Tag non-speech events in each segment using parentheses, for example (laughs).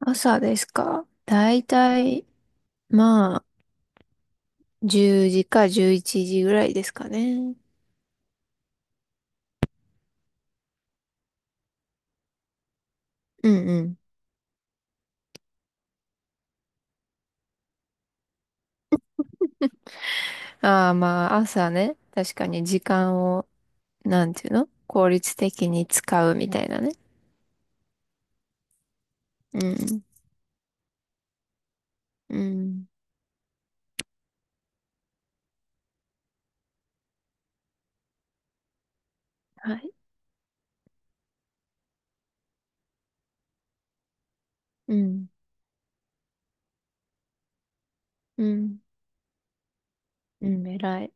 朝ですかだいたい、まあ、10時か11時ぐらいですかね。うんうん。ああ、まあ、朝ね。確かに時間を、なんていうの効率的に使うみたいなね。うん。うん。はい。うん。うん。うん、偉い。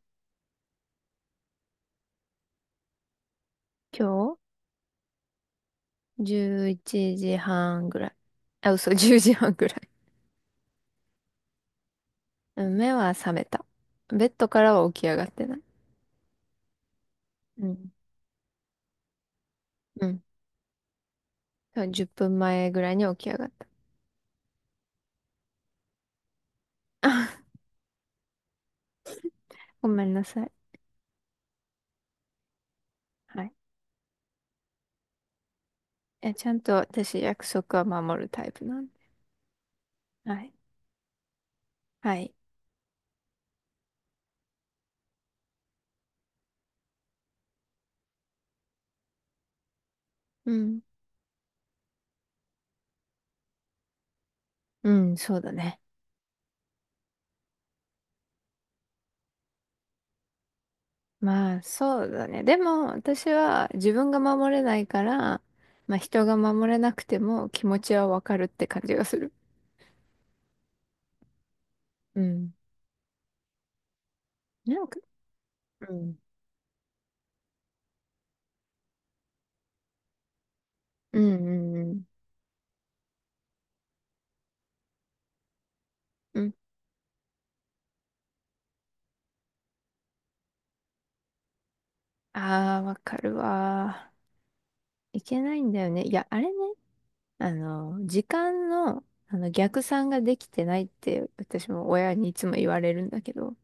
今日、11時半ぐらい。あ、嘘、10時半ぐらい。うん。目は覚めた。ベッドからは起き上がってない。うん。うん。10分前ぐらいに起き上がった。(laughs) ごめんなさい。はい。ちゃんと私約束は守るタイプなんで。はい。はい。うん。うん、そうだね。まあ、そうだね。でも、私は自分が守れないから、まあ、人が守れなくても気持ちはわかるって感じがする。うん。なんか、うん。うん、うん、うん。うん。ああ、わかるわー。いけないんだよね。いや、あれね。時間の、逆算ができてないって、私も親にいつも言われるんだけど。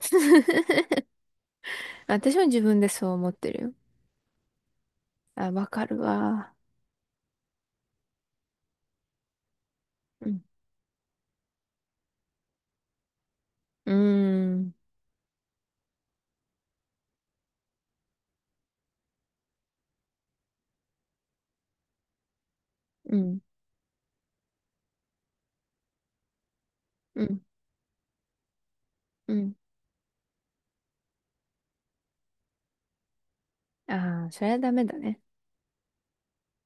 (laughs) 私も自分でそう思ってるよ。あ、わかるわ。うん。うーん。うん。うん。うん。ああ、それはダメだね。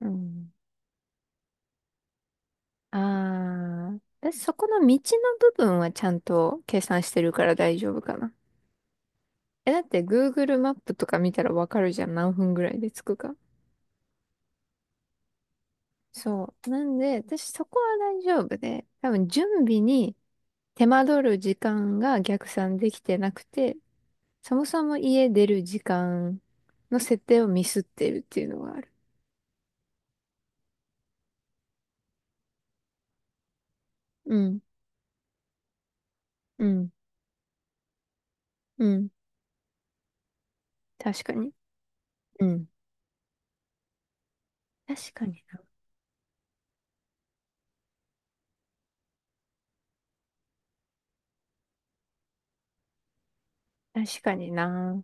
うん。ああ、私そこの道の部分はちゃんと計算してるから大丈夫かな。だって Google マップとか見たらわかるじゃん。何分ぐらいで着くか。そう。なんで、私そこは大丈夫で、多分準備に手間取る時間が逆算できてなくて、そもそも家出る時間の設定をミスってるっていうのがある。うん、うん、うん。確かに。うん。確かにな。確かにな。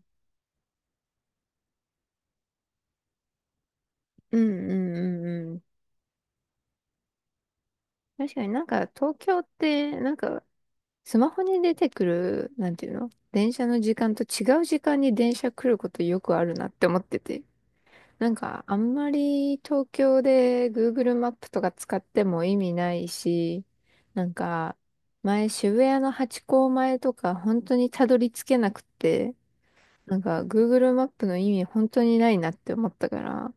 うん、うん、うん、うん。確かになんか東京って、なんかスマホに出てくる、なんていうの電車の時間と違う時間に電車来ることよくあるなって思ってて。なんか、あんまり東京で Google マップとか使っても意味ないし、なんか、前渋谷のハチ公前とか本当にたどり着けなくて、なんか Google マップの意味本当にないなって思ったから、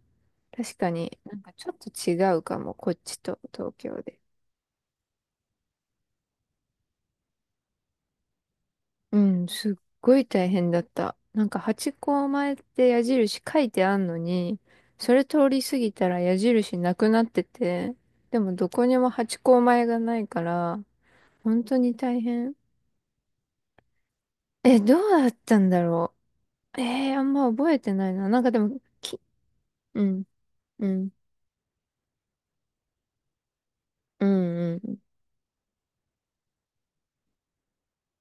確かになんかちょっと違うかも、こっちと東京で。うん、すっごい大変だった。なんかハチ公前って矢印書いてあんのに、それ通り過ぎたら矢印なくなってて、でもどこにもハチ公前がないから、本当に大変。どうだったんだろう。あんま覚えてないな。なんかでも、うん、うん、うん、うん、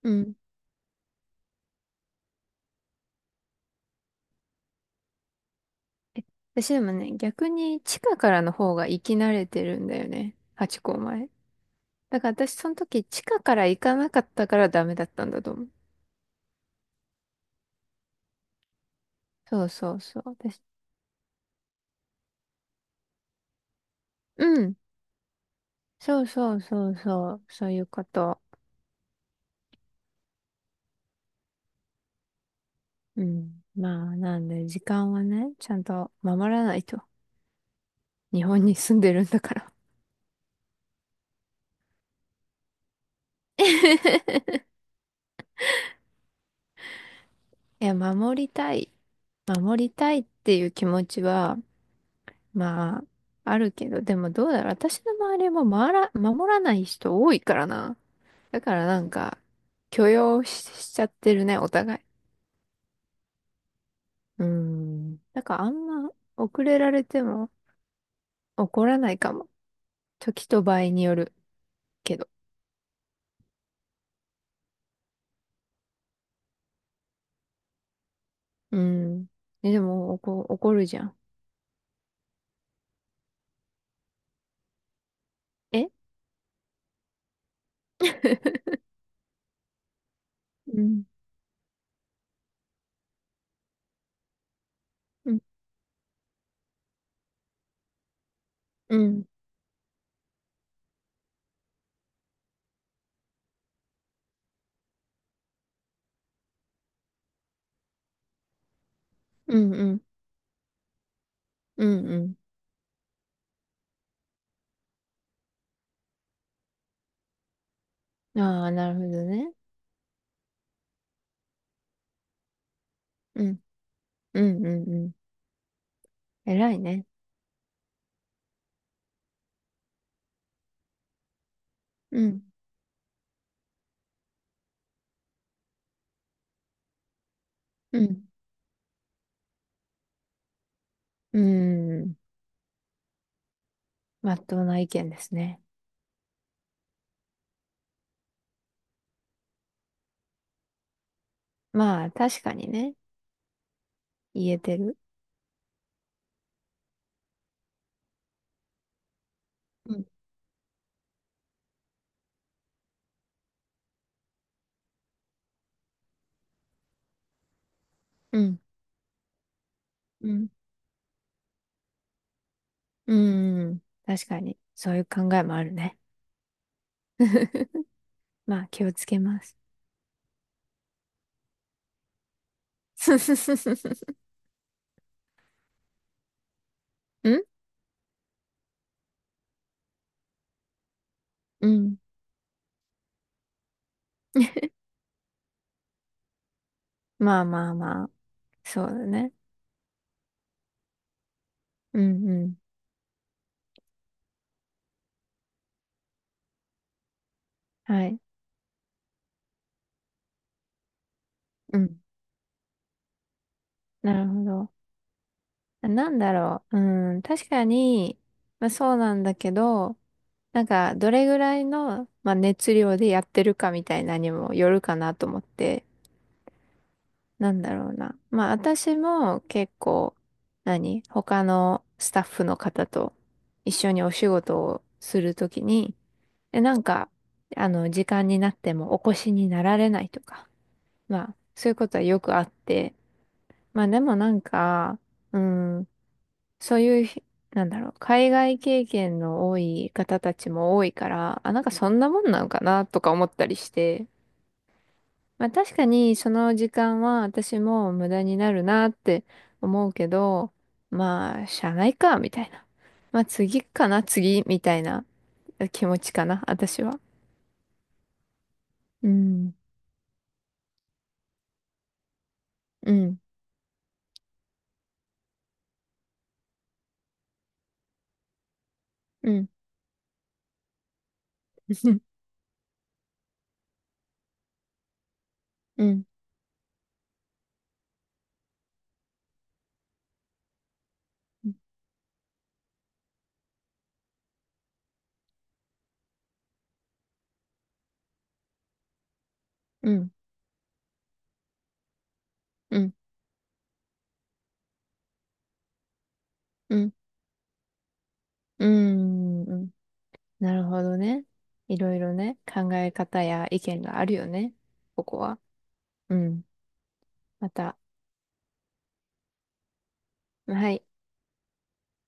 うん。え私でもね、逆に地下からの方が行き慣れてるんだよね。ハチ公前。だから私その時地下から行かなかったからダメだったんだと思う。そうそうそう。私、うん。そうそうそうそう。そういうこと。うん。まあ、なんで、時間はね、ちゃんと守らないと。(laughs) 日本に住んでるんだから。(laughs) いや、守りたい。守りたいっていう気持ちは、まあ、あるけど、でもどうだろう。私の周りも守らない人多いからな。だからなんか、許容し、しちゃってるね、お互い。うん。だからあんま、遅れられても怒らないかも。時と場合によるけど。うん。でも、怒るじゃん。え (laughs) うん。うん。うん。うん。うん。うん。うん。ああ、なるほどね。うん。うん。うん。うん。偉いね。うん。うん。うん。まっとうな意見ですね。まあ、確かにね。言えてる。うん。うん。うん。うん。うん。確かに。そういう考えもあるね。(laughs) まあ、気をつけます。(laughs) うんうん。(laughs) まあまあまあ。そうだね。うんうん。はい。うん。なるほど。なんだろう。うん、確かに、まあ、そうなんだけど、なんか、どれぐらいの、まあ、熱量でやってるかみたいなにもよるかなと思って、なんだろうな。まあ、私も結構、何他のスタッフの方と一緒にお仕事をするときに、なんか、時間になってもお越しになられないとか、まあ、そういうことはよくあって、まあでもなんか、うん、そういうひ、なんだろう、海外経験の多い方たちも多いから、あ、なんかそんなもんなのかなとか思ったりして、まあ確かにその時間は私も無駄になるなって思うけど、まあ、しゃあないか、みたいな。まあ次かな、次、みたいな気持ちかな、私は。うん、うん、うん、(laughs) うん、(laughs) うん、うん、うん、うん、うん、うん。なるほどね。いろいろね、考え方や意見があるよね。ここは。うん。また。はい。